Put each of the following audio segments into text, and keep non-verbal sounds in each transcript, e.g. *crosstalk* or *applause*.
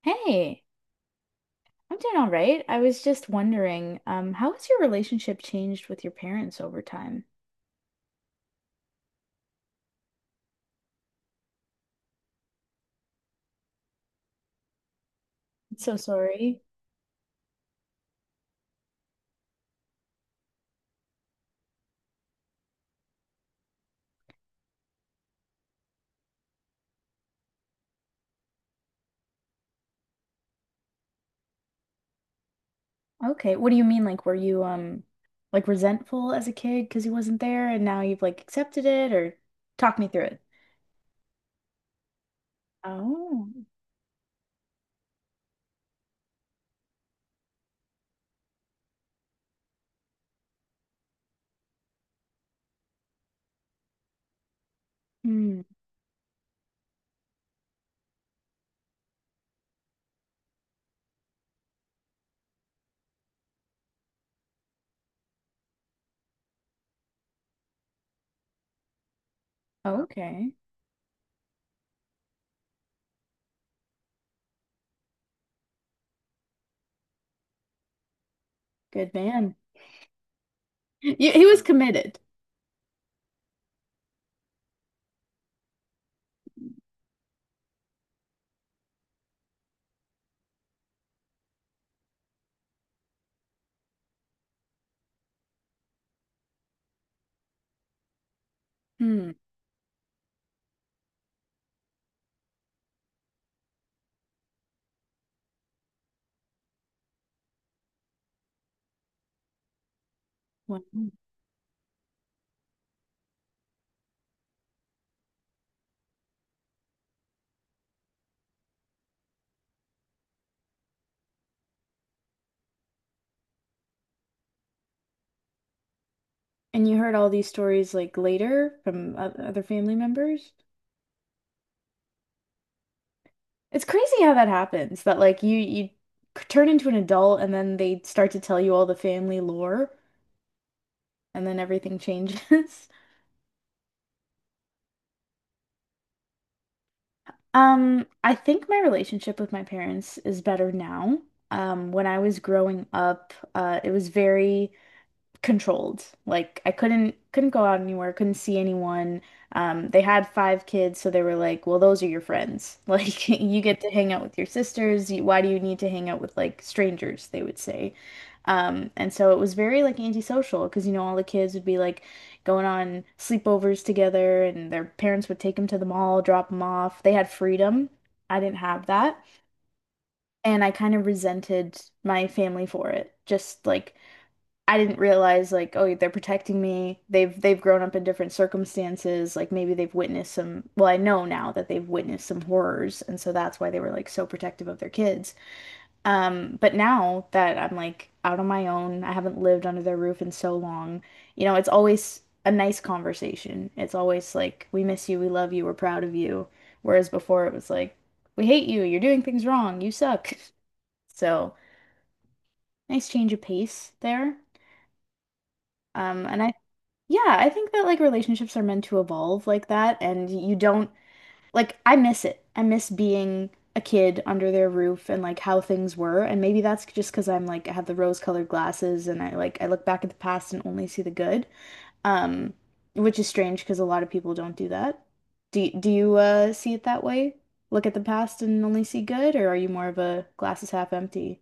Hey, I'm doing all right. I was just wondering, how has your relationship changed with your parents over time? I'm so sorry. Okay, what do you mean? Like, were you like resentful as a kid because he wasn't there, and now you've like accepted it, or talk me through it? Oh, hmm. Okay, good man. *laughs* You, he was committed. Hmm. Wow. And you heard all these stories like later from other family members? It's crazy how that happens, that like you turn into an adult and then they start to tell you all the family lore and then everything changes. *laughs* I think my relationship with my parents is better now. When I was growing up, it was very controlled. Like I couldn't go out anywhere, couldn't see anyone. They had five kids, so they were like, "Well, those are your friends. *laughs* Like you get to hang out with your sisters. Why do you need to hang out with like strangers?" they would say. And so it was very like antisocial because all the kids would be like going on sleepovers together, and their parents would take them to the mall, drop them off. They had freedom. I didn't have that. And I kind of resented my family for it. Just like I didn't realize like, oh, they're protecting me. They've grown up in different circumstances. Like maybe they've witnessed some, well, I know now that they've witnessed some horrors, and so that's why they were like so protective of their kids. But now that I'm like out on my own, I haven't lived under their roof in so long, it's always a nice conversation. It's always like, we miss you, we love you, we're proud of you. Whereas before it was like, we hate you, you're doing things wrong, you suck. *laughs* So, nice change of pace there. And I Yeah, I think that like relationships are meant to evolve like that, and you don't like I miss it. I miss being a kid under their roof and like how things were, and maybe that's just because I'm like I have the rose-colored glasses and I like I look back at the past and only see the good. Um, which is strange because a lot of people don't do that. Do do you see it that way? Look at the past and only see good, or are you more of a glasses half empty?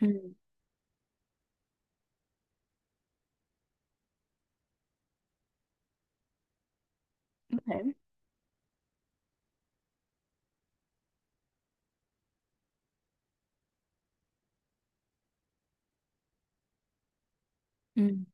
Mm, okay. Mm.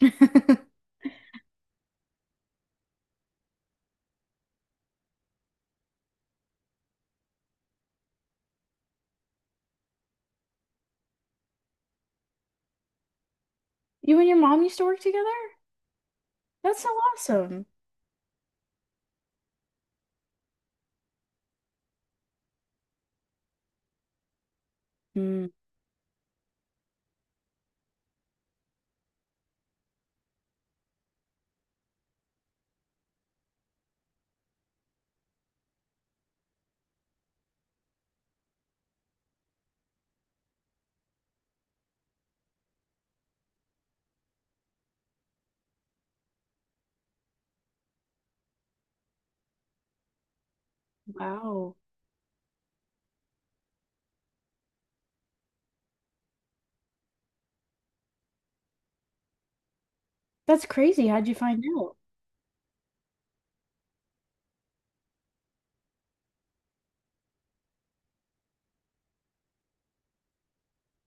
*laughs* You and your mom used to work together? That's so awesome. Mm. Wow. That's crazy. How'd you find out?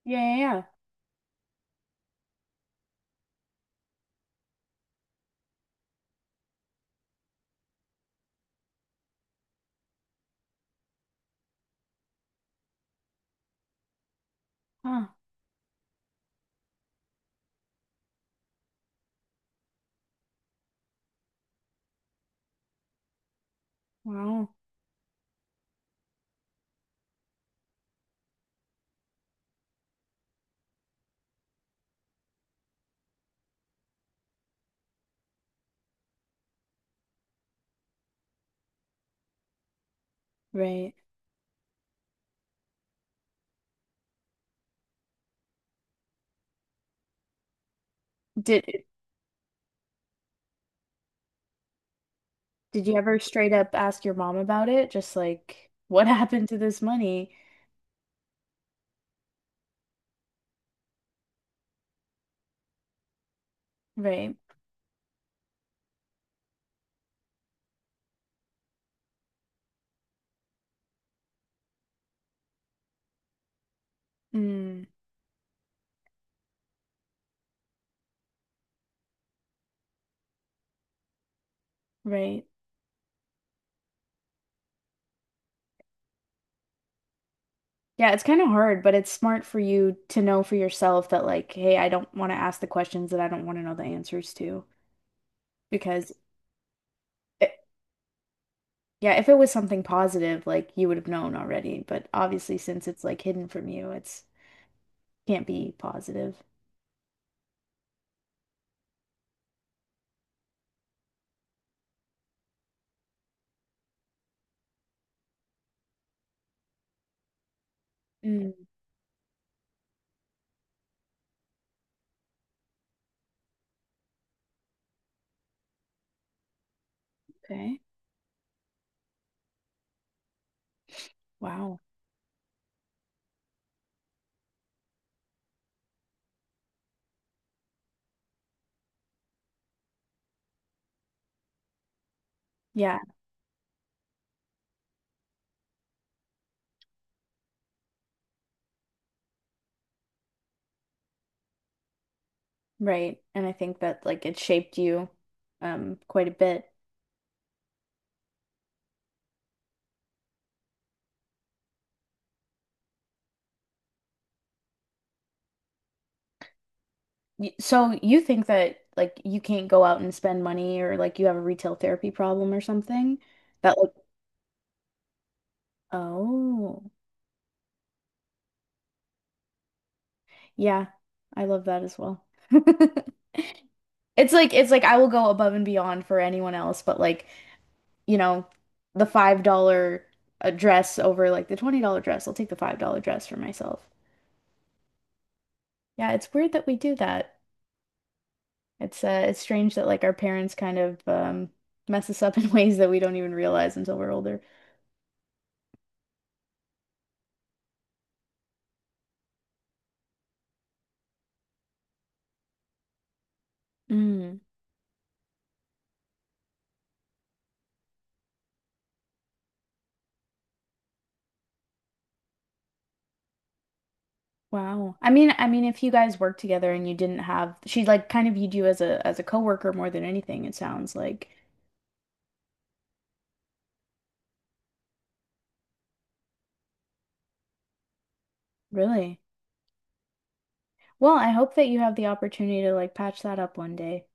Yeah, yeah, yeah. Huh. Wow. Right. Did did you ever straight up ask your mom about it? Just like, what *laughs* happened to this money? Right. Mm, right. Yeah, it's kind of hard, but it's smart for you to know for yourself that like, hey, I don't want to ask the questions that I don't want to know the answers to. Because it, yeah, if it was something positive, like you would have known already. But obviously, since it's like hidden from you, it's can't be positive. Mm, okay. Wow. Yeah, right. And I think that like it shaped you quite a bit. So you think that like you can't go out and spend money or like you have a retail therapy problem or something? That like oh. Yeah. I love that as well. *laughs* It's like I will go above and beyond for anyone else, but like, you know, the $5 dress over like the $20 dress. I'll take the $5 dress for myself. Yeah, it's weird that we do that. It's strange that like our parents kind of mess us up in *laughs* ways that we don't even realize until we're older. Mm, wow. I mean if you guys work together and you didn't have she like kind of viewed you as a coworker more than anything, it sounds like. Really? Well, I hope that you have the opportunity to like patch that up one day.